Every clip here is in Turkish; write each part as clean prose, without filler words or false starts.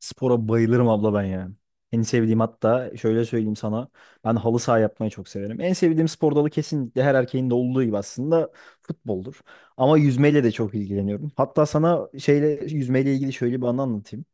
Spora bayılırım abla ben ya. En sevdiğim hatta şöyle söyleyeyim sana. Ben halı saha yapmayı çok severim. En sevdiğim spor dalı kesinlikle her erkeğin de olduğu gibi aslında futboldur. Ama yüzmeyle de çok ilgileniyorum. Hatta sana şeyle yüzmeyle ilgili şöyle bir anı anlatayım.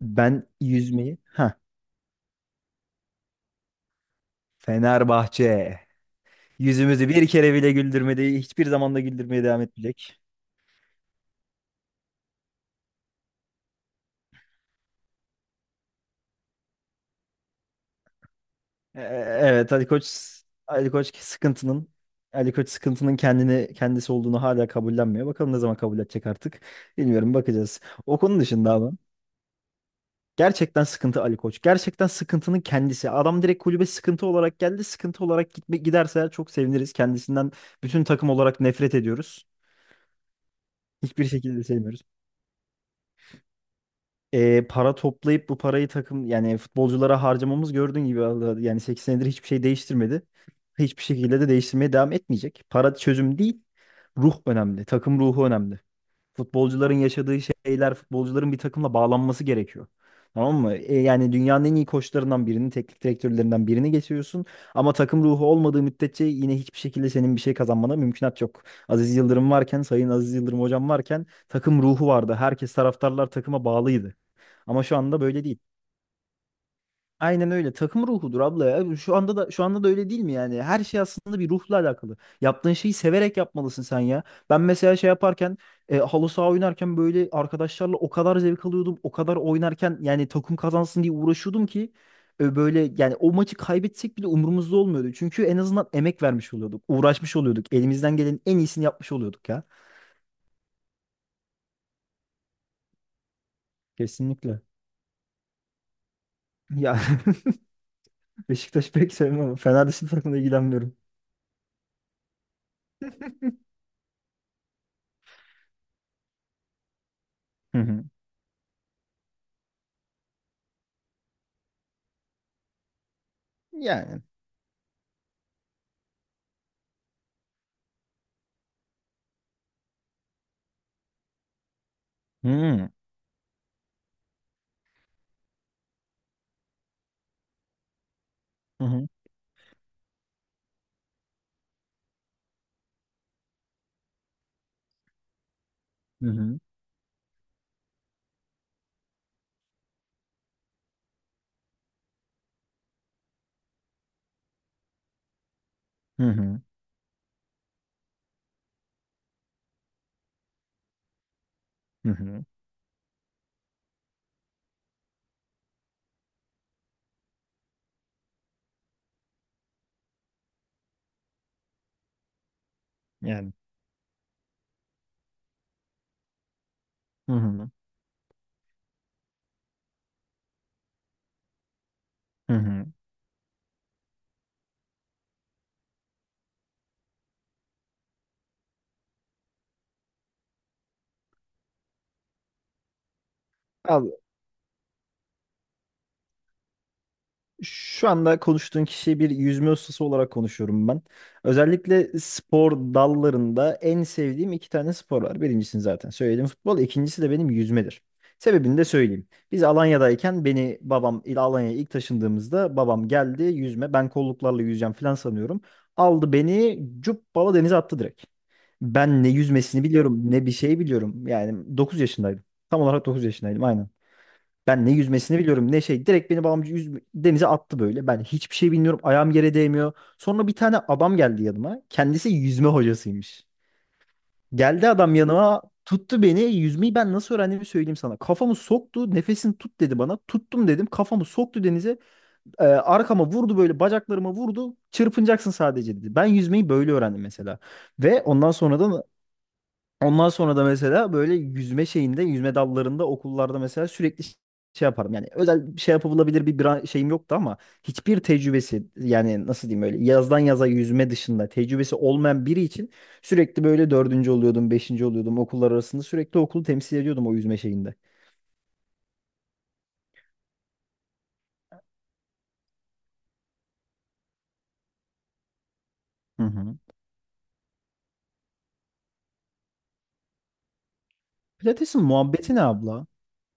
Ben yüzmeyi ha Fenerbahçe yüzümüzü bir kere bile güldürmedi. Hiçbir zaman da güldürmeye devam etmeyecek. E- e, Evet. Ali Koç sıkıntının Ali Koç sıkıntının kendini kendisi olduğunu hala kabullenmiyor. Bakalım ne zaman kabul edecek artık. Bilmiyorum, bakacağız. O konu dışında ama gerçekten sıkıntı Ali Koç. Gerçekten sıkıntının kendisi. Adam direkt kulübe sıkıntı olarak geldi. Sıkıntı olarak gitme, giderse çok seviniriz. Kendisinden bütün takım olarak nefret ediyoruz. Hiçbir şekilde sevmiyoruz. Para toplayıp bu parayı takım yani futbolculara harcamamız gördüğün gibi vallahi yani 8 senedir hiçbir şey değiştirmedi. Hiçbir şekilde de değiştirmeye devam etmeyecek. Para çözüm değil. Ruh önemli. Takım ruhu önemli. Futbolcuların yaşadığı şeyler, futbolcuların bir takımla bağlanması gerekiyor. Tamam mı? Yani dünyanın en iyi koçlarından birini, teknik direktörlerinden birini getiriyorsun. Ama takım ruhu olmadığı müddetçe yine hiçbir şekilde senin bir şey kazanmana mümkünat yok. Aziz Yıldırım varken, Sayın Aziz Yıldırım hocam varken takım ruhu vardı. Herkes, taraftarlar takıma bağlıydı. Ama şu anda böyle değil. Aynen öyle. Takım ruhudur abla ya. Şu anda da şu anda da öyle değil mi yani? Her şey aslında bir ruhla alakalı. Yaptığın şeyi severek yapmalısın sen ya. Ben mesela şey yaparken halı saha oynarken böyle arkadaşlarla o kadar zevk alıyordum. O kadar oynarken yani takım kazansın diye uğraşıyordum ki böyle yani o maçı kaybetsek bile umurumuzda olmuyordu. Çünkü en azından emek vermiş oluyorduk. Uğraşmış oluyorduk. Elimizden gelenin en iyisini yapmış oluyorduk ya. Kesinlikle. Ya Beşiktaş pek sevmem ama Fener dışında takımla ilgilenmiyorum. Hı hı. Yani. Hmm. Hı hı hı hı hı hı hı hı. Yani. Hı hı hı hı. Al Şu anda konuştuğun kişiyi bir yüzme ustası olarak konuşuyorum ben. Özellikle spor dallarında en sevdiğim iki tane spor var. Birincisini zaten söyledim, futbol. İkincisi de benim yüzmedir. Sebebini de söyleyeyim. Biz Alanya'dayken beni babam Alanya'ya ilk taşındığımızda babam geldi yüzme. Ben kolluklarla yüzeceğim falan sanıyorum. Aldı beni cuppala denize attı direkt. Ben ne yüzmesini biliyorum ne bir şey biliyorum. Yani 9 yaşındaydım. Tam olarak 9 yaşındaydım aynen. Ben ne yüzmesini biliyorum ne şey. Direkt beni babamcı denize attı böyle. Ben hiçbir şey bilmiyorum. Ayağım yere değmiyor. Sonra bir tane adam geldi yanıma. Kendisi yüzme hocasıymış. Geldi adam yanıma, tuttu beni. Yüzmeyi ben nasıl öğrendiğimi söyleyeyim sana. Kafamı soktu. Nefesini tut dedi bana. Tuttum dedim. Kafamı soktu denize. Arkama vurdu, böyle bacaklarıma vurdu. Çırpınacaksın sadece dedi. Ben yüzmeyi böyle öğrendim mesela. Ve ondan sonra da Ondan sonra da mesela böyle yüzme şeyinde, yüzme dallarında okullarda mesela sürekli şey yaparım. Yani özel bir şey yapabilir bir şeyim yoktu ama hiçbir tecrübesi, yani nasıl diyeyim, öyle yazdan yaza yüzme dışında tecrübesi olmayan biri için sürekli böyle dördüncü oluyordum, beşinci oluyordum, okullar arasında sürekli okulu temsil ediyordum o yüzme şeyinde. Hı hı. Pilates'in muhabbeti ne abla?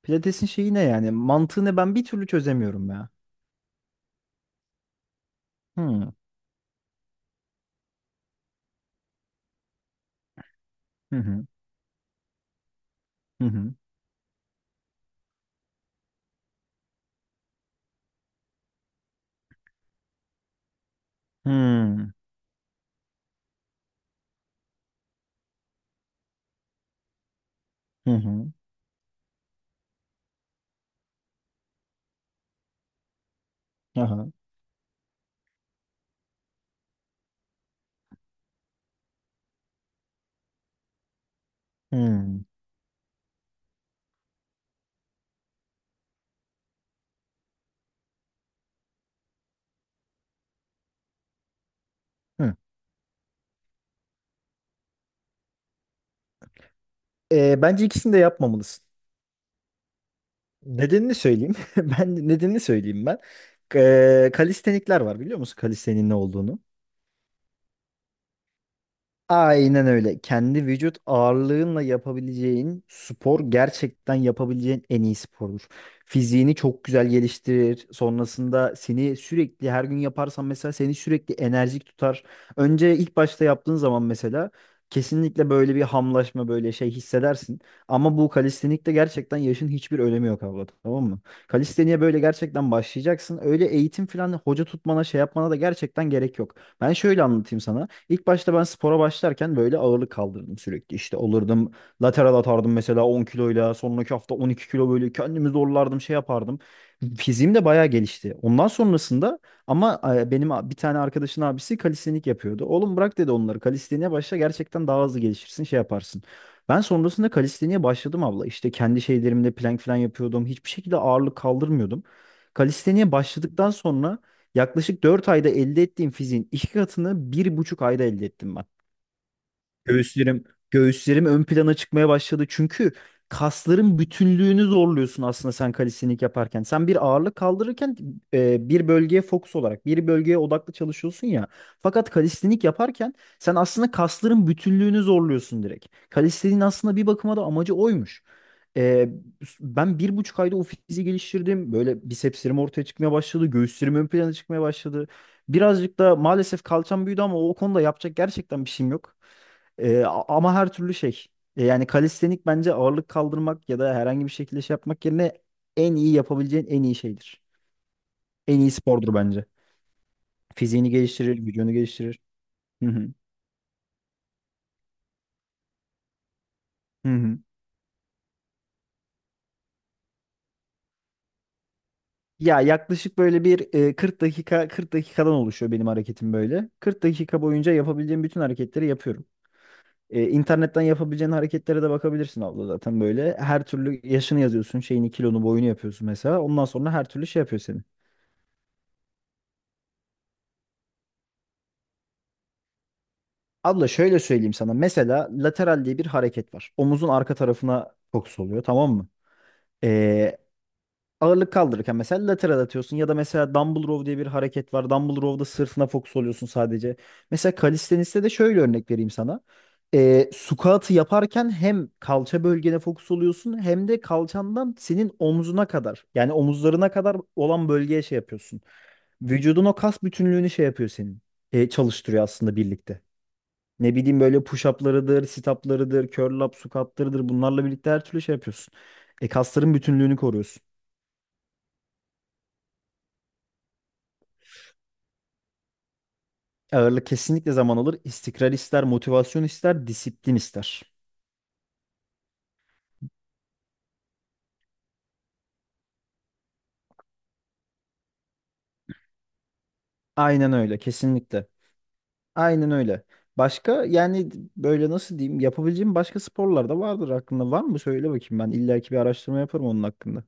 Pilates'in şeyi ne yani? Mantığını ben bir türlü çözemiyorum ya. Hı hı hı hı hı hı hı hı hı. Aha. Hı. Hı. Bence ikisini de yapmamalısın. Nedenini söyleyeyim. Ben nedenini söyleyeyim ben. Kalistenikler var, biliyor musun kalistenin ne olduğunu? Aynen öyle. Kendi vücut ağırlığınla yapabileceğin spor gerçekten yapabileceğin en iyi spordur. Fiziğini çok güzel geliştirir. Sonrasında seni sürekli, her gün yaparsan mesela seni sürekli enerjik tutar. Önce ilk başta yaptığın zaman mesela kesinlikle böyle bir hamlaşma, böyle şey hissedersin. Ama bu kalistenikte gerçekten yaşın hiçbir önemi yok abla, tamam mı? Kalisteniye böyle gerçekten başlayacaksın. Öyle eğitim falan, hoca tutmana şey yapmana da gerçekten gerek yok. Ben şöyle anlatayım sana. İlk başta ben spora başlarken böyle ağırlık kaldırdım sürekli. İşte olurdum, lateral atardım mesela 10 kiloyla. Sonraki hafta 12 kilo, böyle kendimi zorlardım şey yapardım. Fiziğim de bayağı gelişti. Ondan sonrasında ama benim bir tane arkadaşın abisi kalistenik yapıyordu. Oğlum, bırak dedi onları, kalisteniğe başla, gerçekten daha hızlı gelişirsin şey yaparsın. Ben sonrasında kalisteniğe başladım abla. İşte kendi şeylerimle plank falan yapıyordum. Hiçbir şekilde ağırlık kaldırmıyordum. Kalisteniğe başladıktan sonra yaklaşık 4 ayda elde ettiğim fiziğin iki katını 1,5 ayda elde ettim ben. Göğüslerim, göğüslerim ön plana çıkmaya başladı. Çünkü kasların bütünlüğünü zorluyorsun aslında sen kalistenilik yaparken. Sen bir ağırlık kaldırırken bir bölgeye fokus olarak, bir bölgeye odaklı çalışıyorsun ya. Fakat kalistenik yaparken sen aslında kasların bütünlüğünü zorluyorsun direkt. Kalisteniğin aslında bir bakıma da amacı oymuş. E, Ben 1,5 ayda o fiziği geliştirdim. Böyle bisepslerim ortaya çıkmaya başladı. Göğüslerim ön plana çıkmaya başladı. Birazcık da maalesef kalçam büyüdü ama o konuda yapacak gerçekten bir şeyim yok. Ama her türlü şey. Yani kalistenik bence ağırlık kaldırmak ya da herhangi bir şekilde şey yapmak yerine en iyi yapabileceğin en iyi şeydir. En iyi spordur bence. Fiziğini geliştirir, vücudunu geliştirir. Hı hı. Hı hı. Ya yaklaşık böyle bir 40 dakika, 40 dakikadan oluşuyor benim hareketim böyle. 40 dakika boyunca yapabileceğim bütün hareketleri yapıyorum. İnternetten yapabileceğin hareketlere de bakabilirsin abla zaten böyle. Her türlü yaşını yazıyorsun, şeyini, kilonu, boyunu yapıyorsun mesela. Ondan sonra her türlü şey yapıyorsun. Abla şöyle söyleyeyim sana. Mesela lateral diye bir hareket var. Omuzun arka tarafına fokus oluyor, tamam mı? Ee, Ağırlık kaldırırken mesela lateral atıyorsun ya da mesela dumbbell row diye bir hareket var. Dumbbell row'da sırtına fokus oluyorsun sadece. Mesela kalisteniste de şöyle örnek vereyim sana. Squat'ı yaparken hem kalça bölgene fokus oluyorsun hem de kalçandan senin omzuna kadar, yani omuzlarına kadar olan bölgeye şey yapıyorsun. Vücudun o kas bütünlüğünü şey yapıyor senin. Çalıştırıyor aslında birlikte. Ne bileyim böyle push-up'larıdır, sit-up'larıdır, curl up, squat'larıdır. Bunlarla birlikte her türlü şey yapıyorsun. Kasların bütünlüğünü koruyorsun. Ağırlık kesinlikle zaman alır. İstikrar ister, motivasyon ister, disiplin ister. Aynen öyle, kesinlikle. Aynen öyle. Başka, yani böyle nasıl diyeyim, yapabileceğim başka sporlar da vardır aklında. Var mı? Söyle bakayım ben. İlla ki bir araştırma yaparım onun hakkında.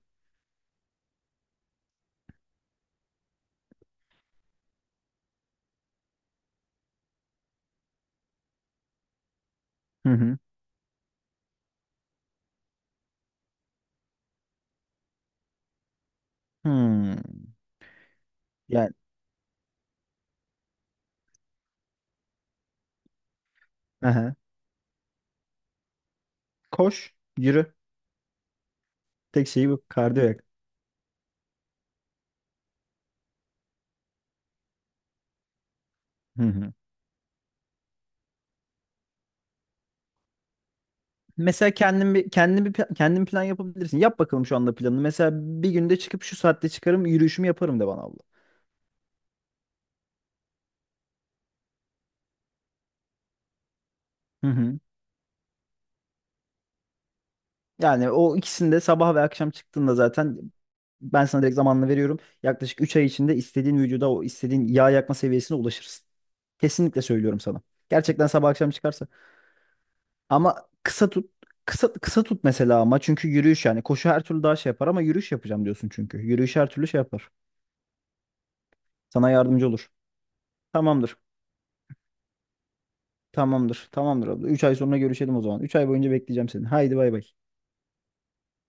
Hı hı. Hmm. Yani. Aha. Koş, yürü. Tek şeyi bu. Kardiyo yak. Hı hı. Mesela kendin plan yapabilirsin. Yap bakalım şu anda planını. Mesela bir günde çıkıp şu saatte çıkarım, yürüyüşümü yaparım de bana abla. Hı hı. Yani o ikisinde, sabah ve akşam çıktığında zaten ben sana direkt zamanını veriyorum. Yaklaşık 3 ay içinde istediğin vücuda, o istediğin yağ yakma seviyesine ulaşırsın. Kesinlikle söylüyorum sana. Gerçekten sabah akşam çıkarsa. Ama kısa tut. Kısa, kısa tut mesela, ama çünkü yürüyüş, yani koşu her türlü daha şey yapar ama yürüyüş yapacağım diyorsun çünkü. Yürüyüş her türlü şey yapar. Sana yardımcı olur. Tamamdır. Tamamdır. Tamamdır abla. 3 ay sonra görüşelim o zaman. 3 ay boyunca bekleyeceğim seni. Haydi bay bay.